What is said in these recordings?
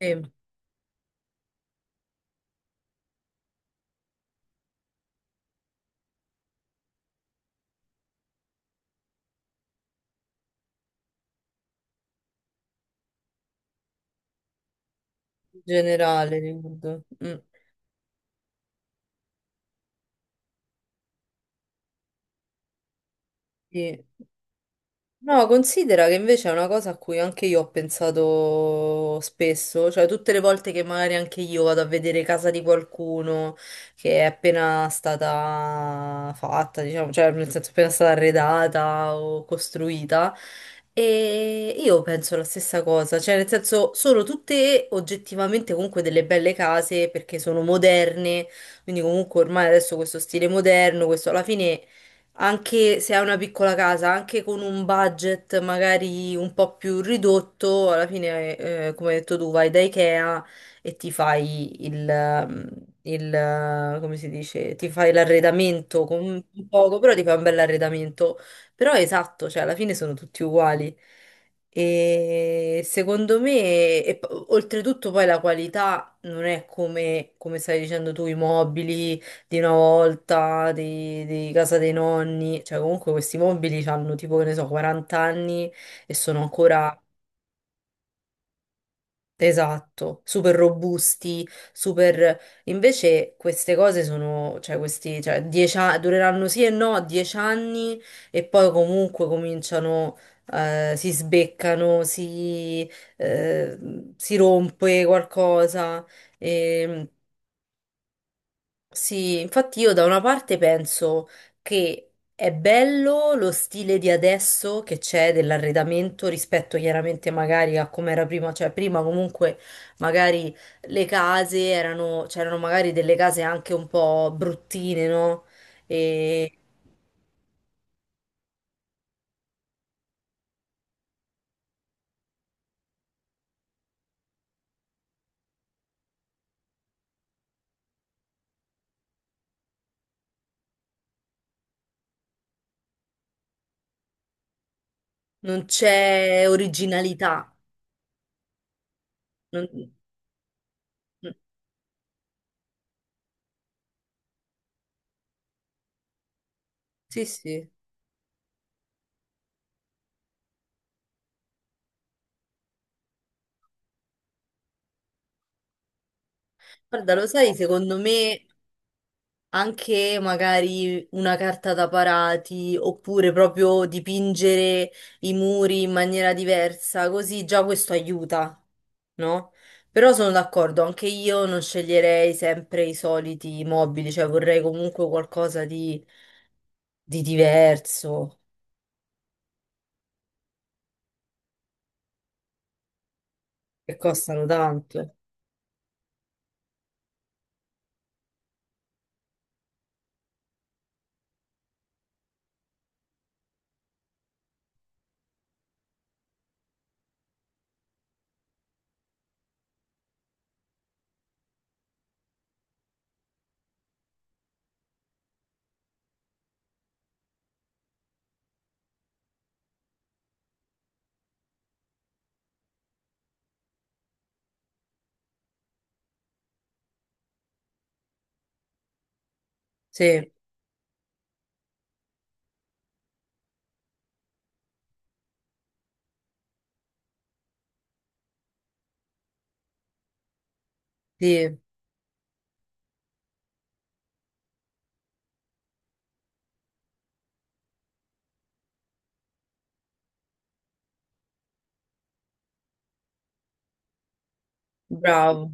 Sì, in generale, riguardo. Sì. No, considera che invece è una cosa a cui anche io ho pensato spesso, cioè tutte le volte che magari anche io vado a vedere casa di qualcuno che è appena stata fatta, diciamo, cioè nel senso appena stata arredata o costruita, e io penso la stessa cosa, cioè nel senso sono tutte oggettivamente comunque delle belle case perché sono moderne, quindi comunque ormai adesso questo stile moderno, questo alla fine anche se hai una piccola casa, anche con un budget magari un po' più ridotto, alla fine, come hai detto tu, vai da Ikea e ti fai il, il, come si dice, ti fai l'arredamento con un poco, però ti fai un bel arredamento. Però è esatto, cioè alla fine sono tutti uguali. E secondo me, oltretutto poi la qualità non è come, come stavi dicendo tu, i mobili di una volta, di casa dei nonni, cioè comunque questi mobili hanno tipo, che ne so, 40 anni e sono ancora, esatto, super robusti, super... Invece queste cose sono, cioè questi, dureranno sì e no 10 anni e poi comunque cominciano... si sbeccano, eh, si rompe qualcosa. E sì, infatti io da una parte penso che è bello lo stile di adesso che c'è dell'arredamento rispetto chiaramente magari a come era prima, cioè prima comunque magari le case erano, c'erano magari delle case anche un po' bruttine, no? E non c'è originalità. non- mm, Sì, sì. Guarda, lo sai, secondo me anche magari una carta da parati oppure proprio dipingere i muri in maniera diversa, così già questo aiuta, no? Però sono d'accordo, anche io non sceglierei sempre i soliti mobili, cioè vorrei comunque qualcosa di diverso, che costano tanto. Sì, sì, bravo.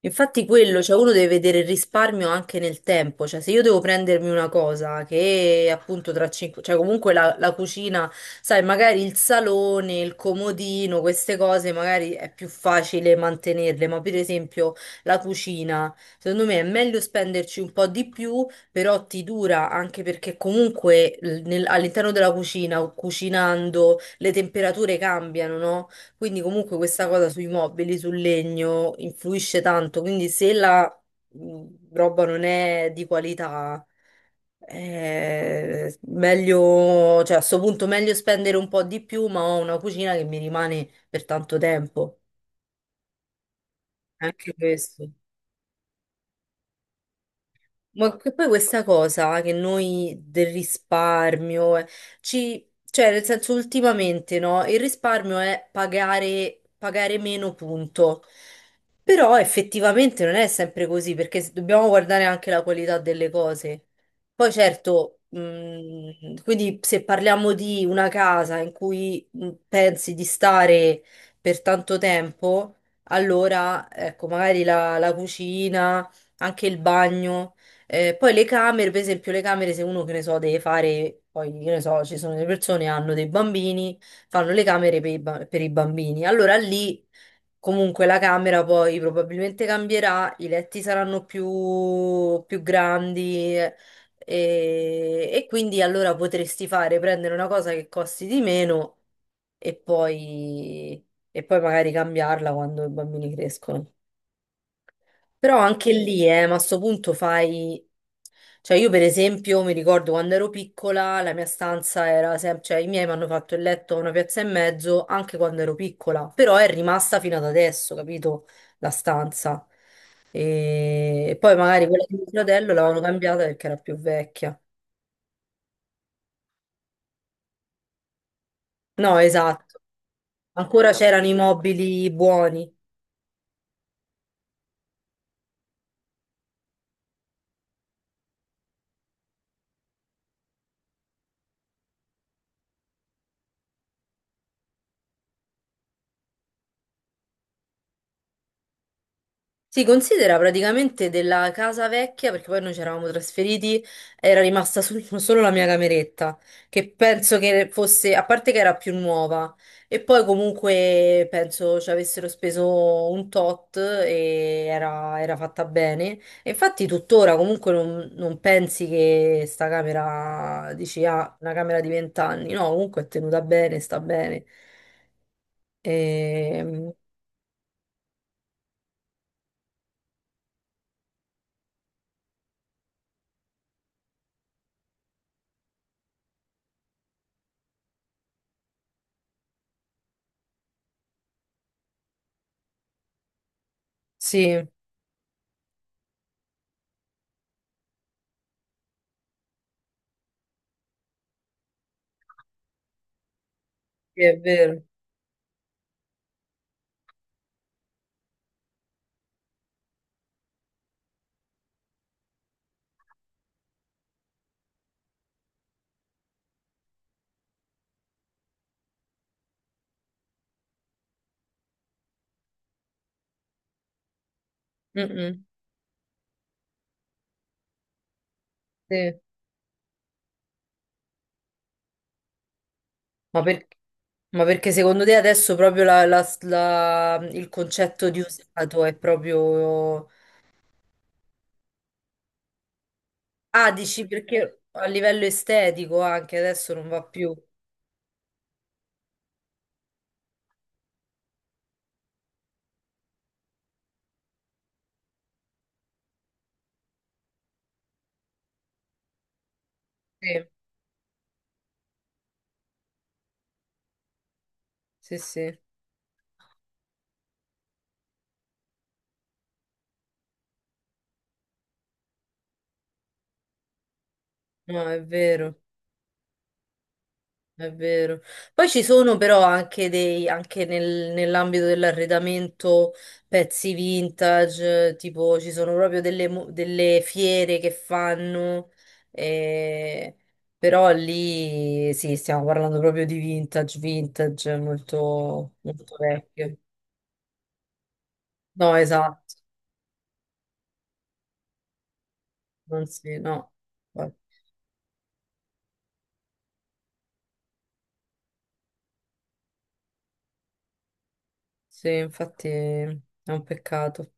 Infatti quello, cioè uno deve vedere il risparmio anche nel tempo, cioè se io devo prendermi una cosa che appunto tra cinque, cioè comunque la cucina, sai, magari il salone, il comodino, queste cose magari è più facile mantenerle, ma per esempio la cucina, secondo me è meglio spenderci un po' di più, però ti dura anche perché comunque all'interno della cucina, cucinando, le temperature cambiano, no? Quindi comunque questa cosa sui mobili, sul legno, influisce tanto. Quindi se la mh, roba non è di qualità, è meglio, cioè a sto punto meglio spendere un po' di più, ma ho una cucina che mi rimane per tanto tempo. Anche questo. Ma che poi questa cosa che noi del risparmio, cioè nel senso ultimamente no, il risparmio è pagare, pagare meno punto, però effettivamente non è sempre così perché dobbiamo guardare anche la qualità delle cose. Poi certo, quindi se parliamo di una casa in cui pensi di stare per tanto tempo, allora ecco magari la cucina, anche il bagno. Poi le camere, per esempio, le camere, se uno che ne so, deve fare, poi che ne so, ci sono delle persone che hanno dei bambini, fanno le camere per per i bambini. Allora lì comunque la camera poi probabilmente cambierà, i letti saranno più grandi e quindi allora potresti fare, prendere una cosa che costi di meno e poi, e poi magari cambiarla quando i bambini crescono. Però anche lì, ma a sto punto fai... Cioè io per esempio mi ricordo quando ero piccola, la mia stanza era sempre... Cioè i miei mi hanno fatto il letto a una piazza e mezzo anche quando ero piccola, però è rimasta fino ad adesso, capito? La stanza. E poi magari quella di mio fratello l'avevano cambiata perché era più vecchia. No, esatto. Ancora c'erano i mobili buoni. Si considera praticamente della casa vecchia, perché poi noi ci eravamo trasferiti, era rimasta solo la mia cameretta, che penso che fosse, a parte che era più nuova, e poi comunque penso ci avessero speso un tot e era, era fatta bene. E infatti tuttora comunque non, non pensi che sta camera, dici, ah, una camera di vent'anni, no, comunque è tenuta bene, sta bene. Ehm, sì, sì, è vero. Mm, mm, sì. Ma, per- ma perché secondo te adesso proprio il concetto di usato è proprio... Ah, dici perché a livello estetico anche adesso non va più. Sì, sì, sì. No, è vero. È vero. Poi ci sono però anche dei, nell'ambito dell'arredamento pezzi vintage, tipo ci sono proprio delle, delle fiere che fanno, eh, però lì sì, stiamo parlando proprio di vintage, vintage molto, molto vecchio. No, esatto, non si, no. Sì, infatti è un peccato.